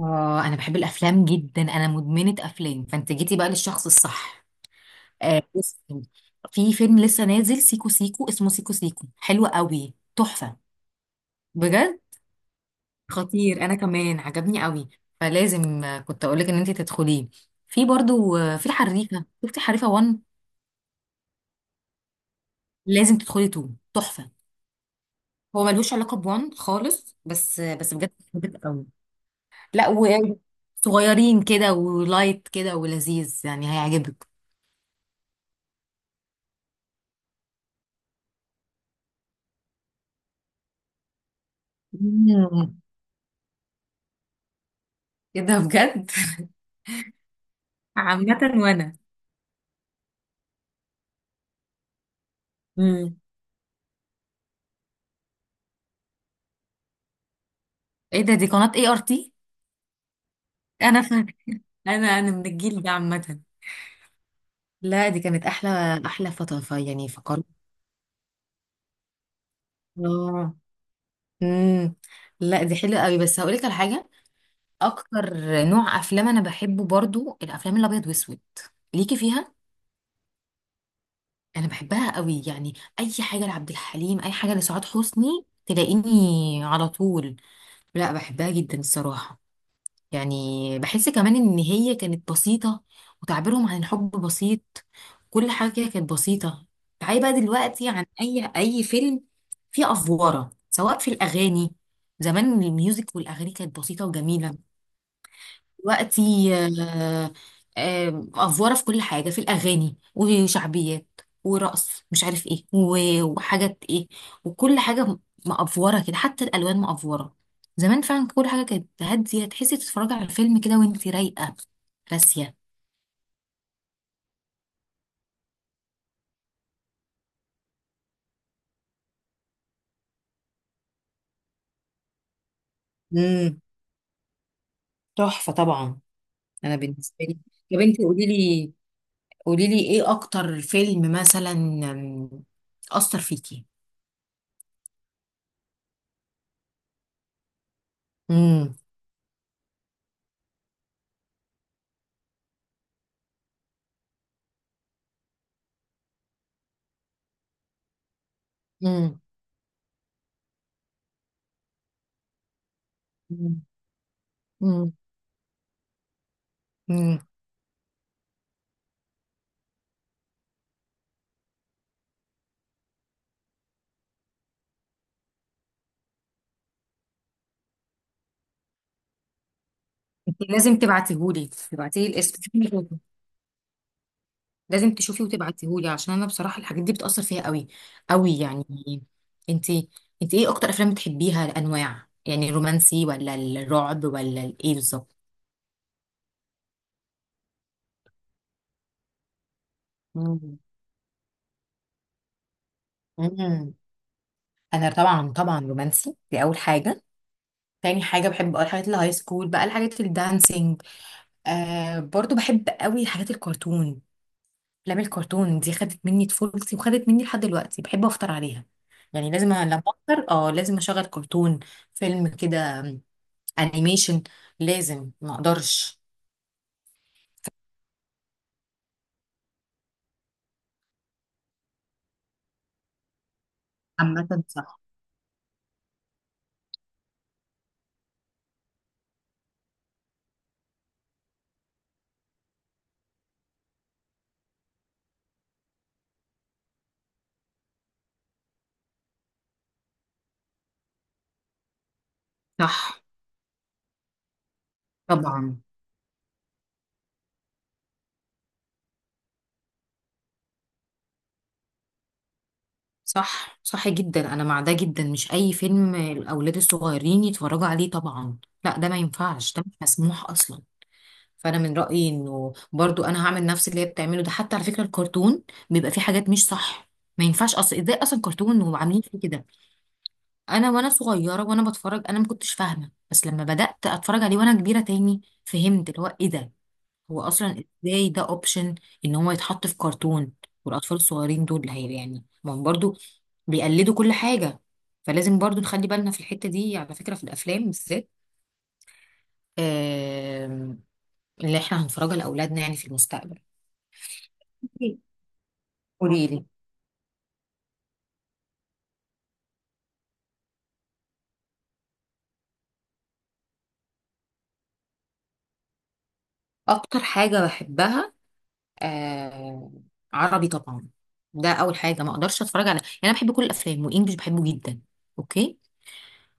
اه، انا بحب الافلام جدا. انا مدمنه افلام، فانت جيتي بقى للشخص الصح. آه، بصي. في فيلم لسه نازل سيكو سيكو، اسمه سيكو سيكو، حلو قوي، تحفه. بجد. خطير، انا كمان عجبني قوي. فلازم، كنت اقول لك ان انت تدخليه. في برضو، في الحريفه، شفتي حريفه 1؟ لازم تدخلي 2، تحفه. هو ملوش علاقه ب 1 خالص، بس بجد بحبك قوي. لا، وصغيرين كده ولايت كده ولذيذ يعني هيعجبك. ايه ده؟ بجد. عامة، وانا. امم. ايه ده؟ دي قناة اي ار تي. انا ف... انا انا من الجيل ده عامة. لا، دي كانت احلى. احلى فتره، يعني فقرت. اه. امم. لا، دي حلوه قوي، بس هقول لك على حاجه اكتر. نوع افلام انا بحبه برضو الافلام الابيض واسود. ليكي فيها. انا بحبها قوي يعني. اي حاجه لعبد الحليم، اي حاجه لسعاد حسني تلاقيني على طول. لا، بحبها جدا الصراحه. يعني بحس كمان ان هي كانت بسيطة، وتعبيرهم عن الحب بسيط، كل حاجة كده كانت بسيطة. تعالي بقى دلوقتي، عن اي فيلم فيه افوارة، سواء في الاغاني. زمان الميوزك والاغاني كانت بسيطة وجميلة. دلوقتي آه، افوره في كل حاجه، في الاغاني وشعبيات ورقص مش عارف ايه و- وحاجات ايه وكل حاجه. مأفوره كده، حتى الالوان مأفوره. زمان فعلا كل حاجه كانت هاديه، تحسي تتفرجي على فيلم كده وانت رايقه، راسيه. امم. تحفة طبعا. انا بالنسبة لي، يا بنتي قولي لي ايه اكتر فيلم مثلا اثر فيكي. امم. امم. امم. انت لازم تبعتيهولي، تبعتيلي الاسم. لازم تشوفي وتبعتيهولي، عشان انا بصراحه الحاجات دي بتاثر فيها قوي قوي يعني. انت انت ايه اكتر افلام بتحبيها، الانواع يعني الرومانسي ولا الرعب ولا الايه بالظبط؟ مم. مم. انا طبعا طبعا، رومانسي دي اول حاجه. تاني حاجه بحب بقى الحاجات الهاي سكول، بقى الحاجات الدانسينج. آه، برضو بحب قوي حاجات الكرتون. افلام الكرتون دي خدت مني طفولتي، وخدت مني لحد دلوقتي بحب افطر عليها. يعني لازم، لما افطر لازم اشغل كرتون. فيلم كده، انيميشن، لازم ما اقدرش. عامة صح. صح طبعا. صح صح جدا. انا مع ده جدا، مش اي فيلم الاولاد الصغيرين يتفرجوا عليه طبعا. لا، ده ما ينفعش، ده مش مسموح اصلا. فانا من رايي انه برضو انا هعمل نفس اللي هي بتعمله ده، حتى على فكره الكرتون بيبقى فيه حاجات مش صح. ما ينفعش اصلا، ازاي اصلا كرتون وعاملين فيه كده. انا وانا صغيره وانا بتفرج انا ما كنتش فاهمه، بس لما بدات اتفرج عليه وانا كبيره تاني فهمت اللي هو ايه ده. هو اصلا ازاي ده اوبشن، ان هو يتحط في كرتون، والاطفال الصغيرين دول اللي هي يعني ما هم برضو بيقلدوا كل حاجه. فلازم برضو نخلي بالنا في الحته دي، على فكره في الافلام بالذات، آم، اللي احنا هنفرجها لاولادنا يعني في المستقبل. قولي لي. اكتر حاجه بحبها، آه عربي طبعا. ده اول حاجه، ما اقدرش اتفرج على، يعني انا بحب كل الافلام، وانجلش بحبه جدا. اوكي.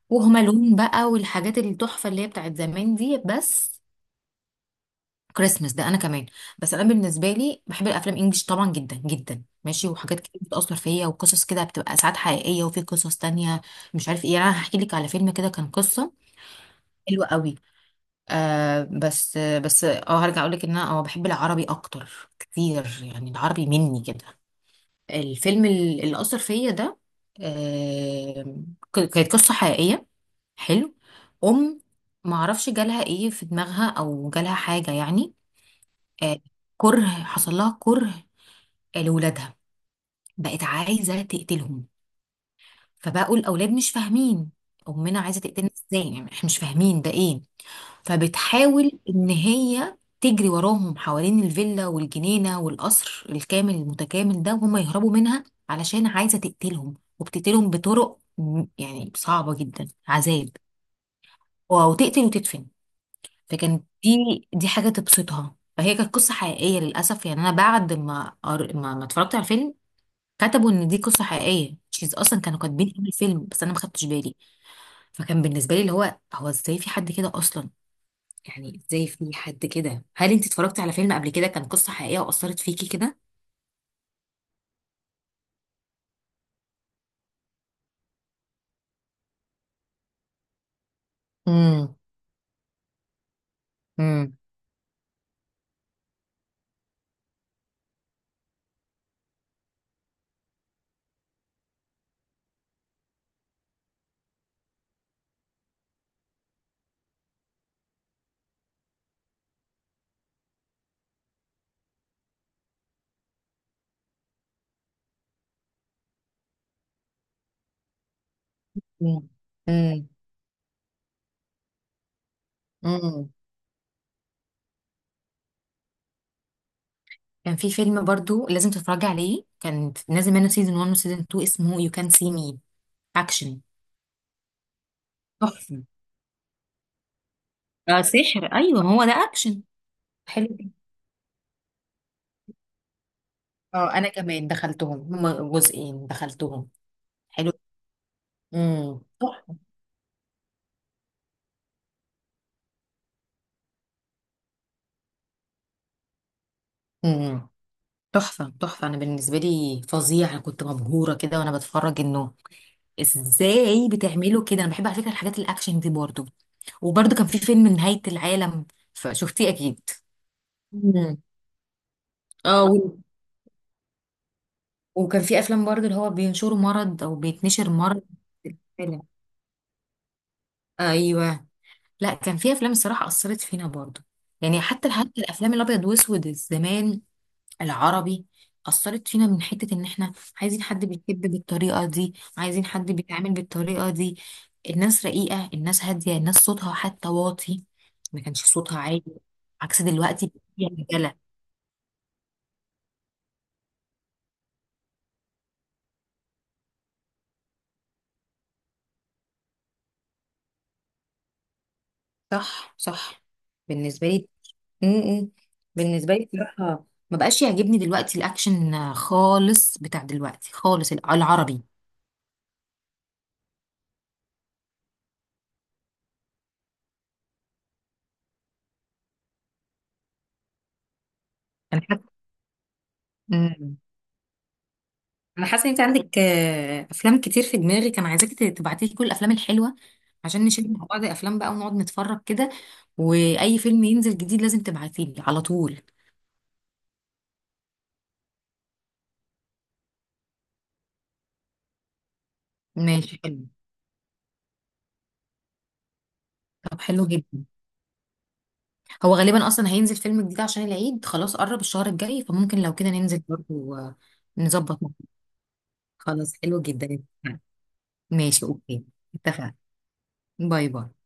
وهما لون بقى، والحاجات التحفه اللي هي بتاعت زمان دي، بس. كريسمس ده انا كمان. بس انا بالنسبه لي بحب الافلام انجلش طبعا جدا جدا، ماشي، وحاجات كتير بتاثر فيا، وقصص كده بتبقى ساعات حقيقيه، وفي قصص تانية مش عارف ايه. يعني انا هحكي لك على فيلم كده، كان قصه حلوه قوي. بس هرجع اقول لك ان انا بحب العربي اكتر كتير، يعني العربي مني كده. الفيلم اللي أثر فيا ده، كانت قصة حقيقية. حلو. أم معرفش جالها إيه في دماغها، أو جالها حاجة يعني، آه، كره. حصل لها كره لولادها، بقت عايزة تقتلهم. فبقوا الأولاد مش فاهمين، أمنا عايزة تقتلنا إزاي، يعني إحنا مش فاهمين ده إيه. فبتحاول ان هي تجري وراهم حوالين الفيلا والجنينة والقصر الكامل المتكامل ده، وهم يهربوا منها، علشان عايزة تقتلهم. وبتقتلهم بطرق يعني صعبة جدا، عذاب، او تقتل وتدفن. فكانت دي حاجة تبسطها. فهي كانت قصة حقيقية للأسف. يعني أنا بعد ما ما اتفرجت على الفيلم، كتبوا إن دي قصة حقيقية. شيز أصلا كانوا كاتبين في الفيلم، بس أنا ما خدتش بالي. فكان بالنسبة لي اللي هو إزاي في حد كده أصلا، يعني ازاي في حد كده. هل انت اتفرجتي على فيلم قبل كده كان قصة حقيقية وأثرت فيكي كده؟ امم. امم. امم. امم. كان في فيلم برضو لازم تتفرجي عليه، كان نازل منه سيزون 1 وسيزون 2، اسمه يو كان سي مي، اكشن. تحفة. آه، سحر، ايوه هو ده اكشن. حلو جدا. اه، انا كمان دخلتهم، هما جزئين دخلتهم. حلو. امم. تحفة. امم. تحفة تحفة. انا بالنسبة لي فظيع، انا كنت مبهورة كده وانا بتفرج انه ازاي بتعملوا كده. انا بحب على فكره الحاجات الاكشن دي برضو. وبرضو كان في فيلم نهايه العالم، فشفتيه اكيد؟ مم. اه، وكان في افلام برضو اللي هو بينشروا مرض او بيتنشر مرض في الفيلم. ايوه. لا، كان في افلام الصراحه اثرت فينا برضو، يعني حتى الافلام الابيض واسود زمان، العربي، أثرت فينا من حتة إن إحنا عايزين حد بيحب بالطريقة دي، عايزين حد بيتعامل بالطريقة دي. الناس رقيقة، الناس هادية، الناس صوتها حتى واطي، ما كانش صوتها عالي، عكس دلوقتي. فيها رجالة. صح صح بالنسبة لي. م-م. بالنسبة لي بصراحة ما بقاش يعجبني دلوقتي الأكشن خالص بتاع دلوقتي خالص، العربي. أنا حاسة، انا حاسه ان انت عندك، افلام كتير في دماغي كان عايزاك تبعتي لي كل الافلام الحلوه، عشان نشيل مع بعض افلام بقى ونقعد نتفرج كده. واي فيلم ينزل جديد لازم تبعتي لي على طول. ماشي حلو. طب حلو جدا. هو غالبا اصلا هينزل فيلم جديد عشان العيد، خلاص قرب الشهر الجاي، فممكن لو كده ننزل برضه نظبط مع بعض. خلاص حلو جدا. ماشي اوكي. اتفقنا. باي باي.